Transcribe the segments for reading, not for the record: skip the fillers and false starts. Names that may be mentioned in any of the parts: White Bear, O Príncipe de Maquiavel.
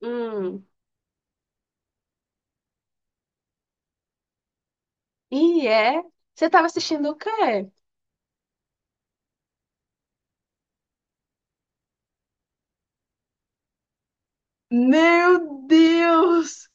Hum, e é? Você tava assistindo o quê? Meu Deus!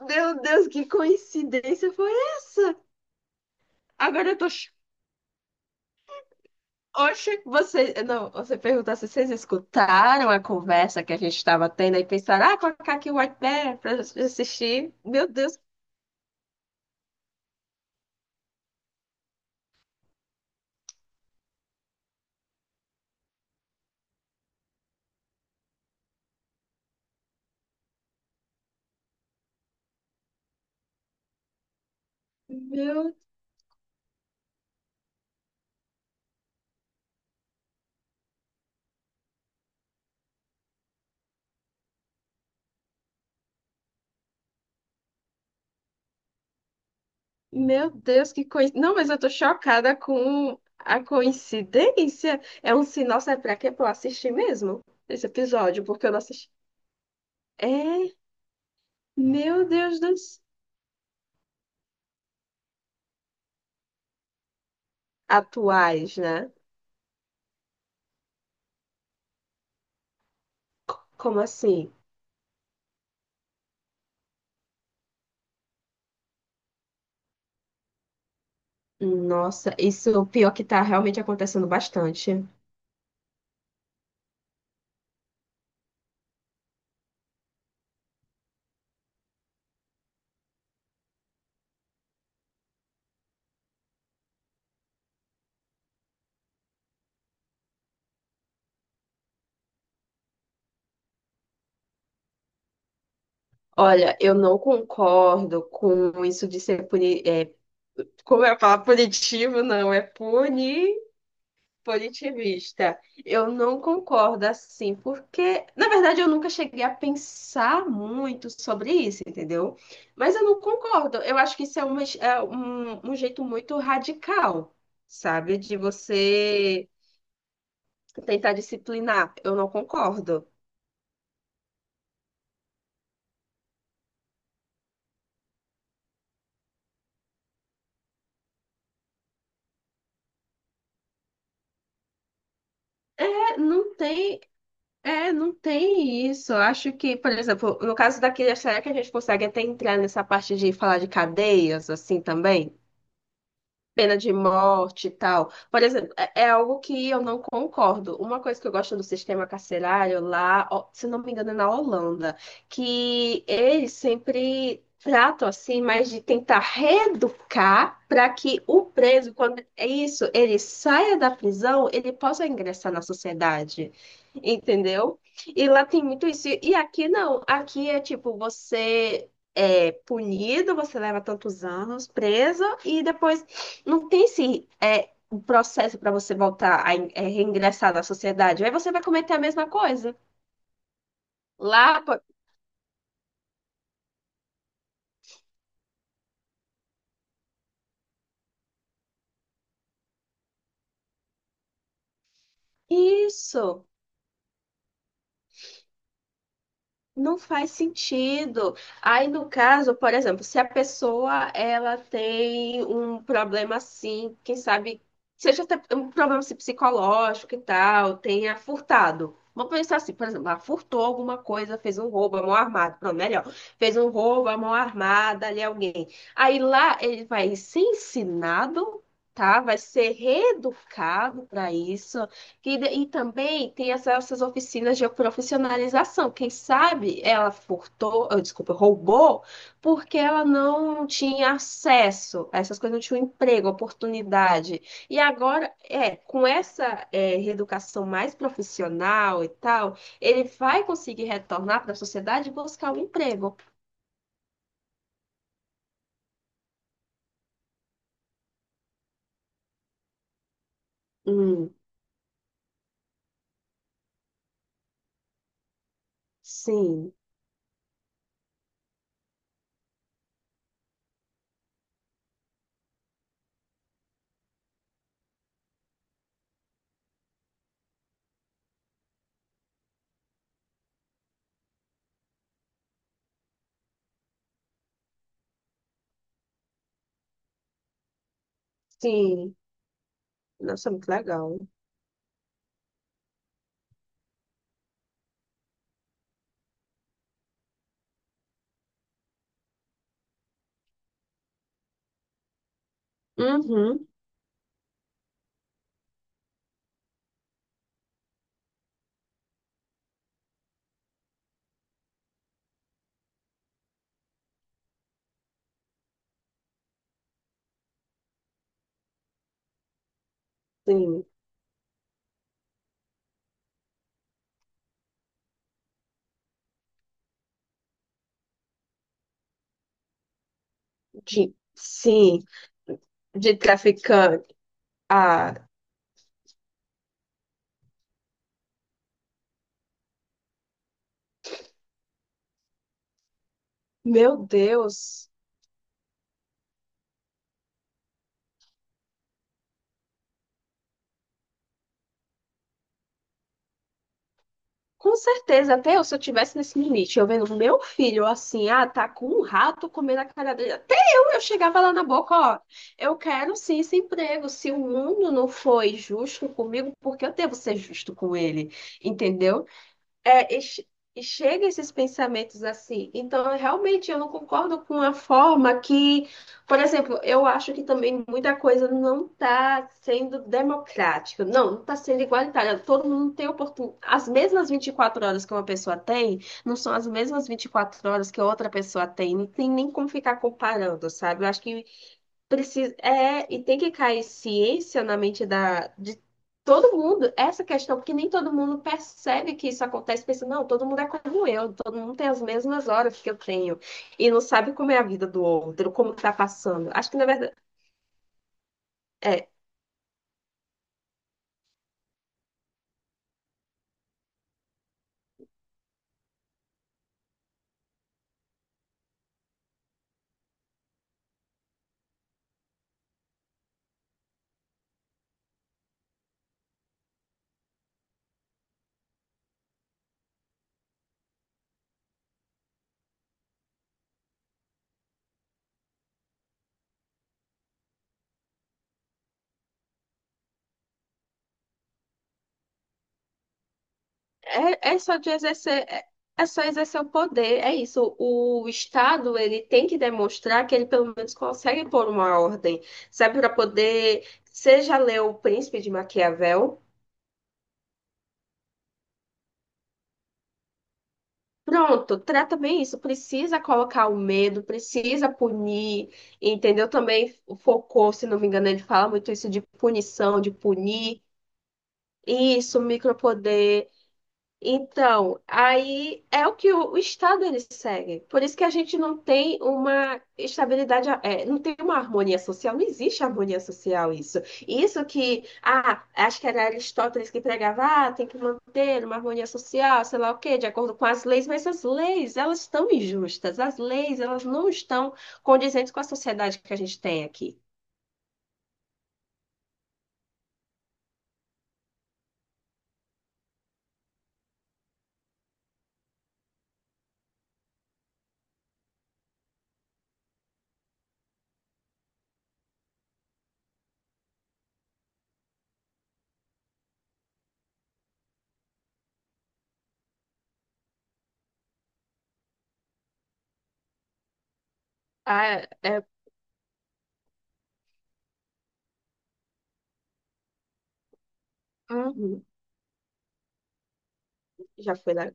Meu Deus, que coincidência foi essa? Agora eu tô. Oxe, você. Não, você perguntar se vocês escutaram a conversa que a gente estava tendo e pensaram, ah, colocar aqui o White Bear pra assistir. Meu Deus, meu, meu Deus, que coincidência. Não, mas eu tô chocada com a coincidência. É um sinal, sabe pra quê? Pra eu assistir mesmo esse episódio, porque eu não assisti. É. Meu Deus dos atuais, né? Como assim? Nossa, isso é o pior que tá realmente acontecendo bastante. Olha, eu não concordo com isso de ser puni... como eu falo, punitivo, não, é puni. Positivista. Eu não concordo assim, porque, na verdade, eu nunca cheguei a pensar muito sobre isso, entendeu? Mas eu não concordo. Eu acho que isso é, uma, é um, um jeito muito radical, sabe? De você tentar disciplinar. Eu não concordo. É, não tem, é, não tem isso. Eu acho que, por exemplo, no caso daqui, será que a gente consegue até entrar nessa parte de falar de cadeias, assim, também? Pena de morte e tal. Por exemplo, é algo que eu não concordo. Uma coisa que eu gosto do sistema carcerário lá, ó, se não me engano, é na Holanda, que eles sempre tratam assim, mas de tentar reeducar para que o preso, quando é isso, ele saia da prisão, ele possa ingressar na sociedade. Entendeu? E lá tem muito isso. E aqui não. Aqui é tipo, você é punido, você leva tantos anos preso, e depois não tem um processo para você voltar a reingressar na sociedade. Aí você vai cometer a mesma coisa. Lá, pô, isso. Não faz sentido. Aí, no caso, por exemplo, se a pessoa ela tem um problema assim, quem sabe, seja até um problema assim, psicológico e tal, tenha furtado. Vamos pensar assim, por exemplo, ela furtou alguma coisa, fez um roubo à mão armada, pronto, melhor, fez um roubo à mão armada ali alguém. Aí lá ele vai ser ensinado, tá? Vai ser reeducado para isso. E, e também tem essas oficinas de profissionalização. Quem sabe ela furtou, ah, desculpa, roubou, porque ela não tinha acesso a essas coisas, não tinha um emprego, oportunidade. E agora, com essa, reeducação mais profissional e tal, ele vai conseguir retornar para a sociedade e buscar um emprego. Hum, sim, sim. Nossa, muito legal. Uhum, sim. Sim, de traficante. Ah. Meu Deus, com certeza, até eu, se eu tivesse nesse limite, eu vendo meu filho assim, ah, tá com um rato comendo a cara dele, até eu chegava lá na boca, ó, eu quero sim esse emprego, se o mundo não foi justo comigo, porque eu devo ser justo com ele, entendeu? É, e, che- e chega esses pensamentos assim. Então, realmente, eu não concordo com a forma que, por exemplo, eu acho que também muita coisa não está sendo democrática. Não, não está sendo igualitária. Todo mundo tem oportunidade. As mesmas 24 horas que uma pessoa tem, não são as mesmas 24 horas que outra pessoa tem. Não tem nem como ficar comparando, sabe? Eu acho que precisa é e tem que cair ciência na mente da de todo mundo essa questão, porque nem todo mundo percebe que isso acontece. Pensa não, todo mundo é como eu, todo mundo tem as mesmas horas que eu tenho e não sabe como é a vida do outro, como tá passando. Acho que na verdade é é, é só de exercer é, é só exercer o poder. É isso, o Estado ele tem que demonstrar que ele pelo menos consegue pôr uma ordem, sabe, para poder. Seja ler O Príncipe de Maquiavel. Pronto, trata bem isso. Precisa colocar o medo, precisa punir, entendeu? Também focou, se não me engano, ele fala muito isso de punição, de punir. Isso, micropoder. Então, aí é o que o Estado ele segue. Por isso que a gente não tem uma estabilidade, é, não tem uma harmonia social, não existe harmonia social isso. Isso que, ah, acho que era Aristóteles que pregava, ah, tem que manter uma harmonia social, sei lá o quê, de acordo com as leis, mas as leis, elas estão injustas, as leis, elas não estão condizentes com a sociedade que a gente tem aqui. Ah, é, uhum, já foi lá.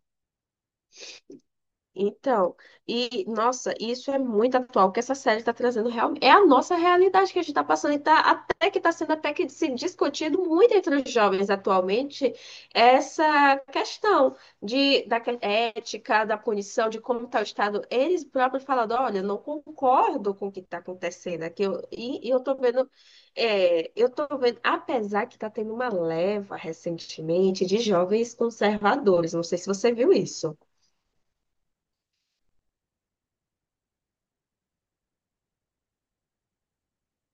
Então, e nossa, isso é muito atual, o que essa série está trazendo realmente é a nossa realidade que a gente está passando, e tá, até que está sendo até que se discutido muito entre os jovens atualmente essa questão de, ética, da punição, de como está o Estado. Eles próprios falando, olha, eu não concordo com o que está acontecendo aqui, eu, e eu estou vendo, eu tô vendo, apesar que está tendo uma leva recentemente de jovens conservadores, não sei se você viu isso.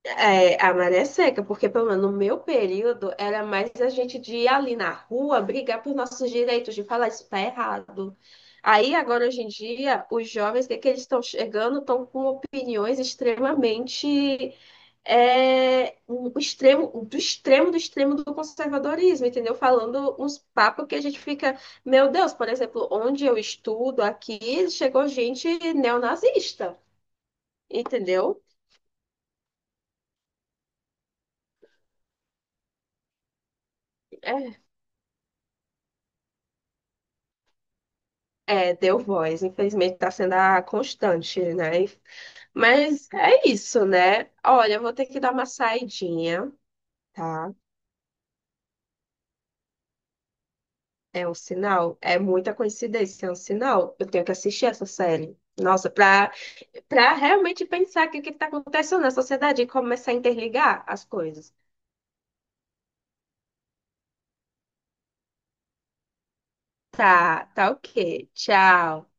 É, a maré é seca, porque pelo menos no meu período era mais a gente de ir ali na rua brigar por nossos direitos, de falar isso tá errado. Aí agora hoje em dia, os jovens, o que é que eles estão chegando, estão com opiniões extremamente um o extremo, do extremo do extremo do conservadorismo, entendeu? Falando uns papos que a gente fica, meu Deus, por exemplo, onde eu estudo aqui, chegou gente neonazista, entendeu? É. É, deu voz, infelizmente está sendo a constante, né? Mas é isso, né? Olha, eu vou ter que dar uma saidinha, tá? É um sinal, é muita coincidência, é um sinal. Eu tenho que assistir essa série. Nossa, pra realmente pensar que o que tá acontecendo na sociedade e começar a interligar as coisas. Tá, tá ok. Tchau.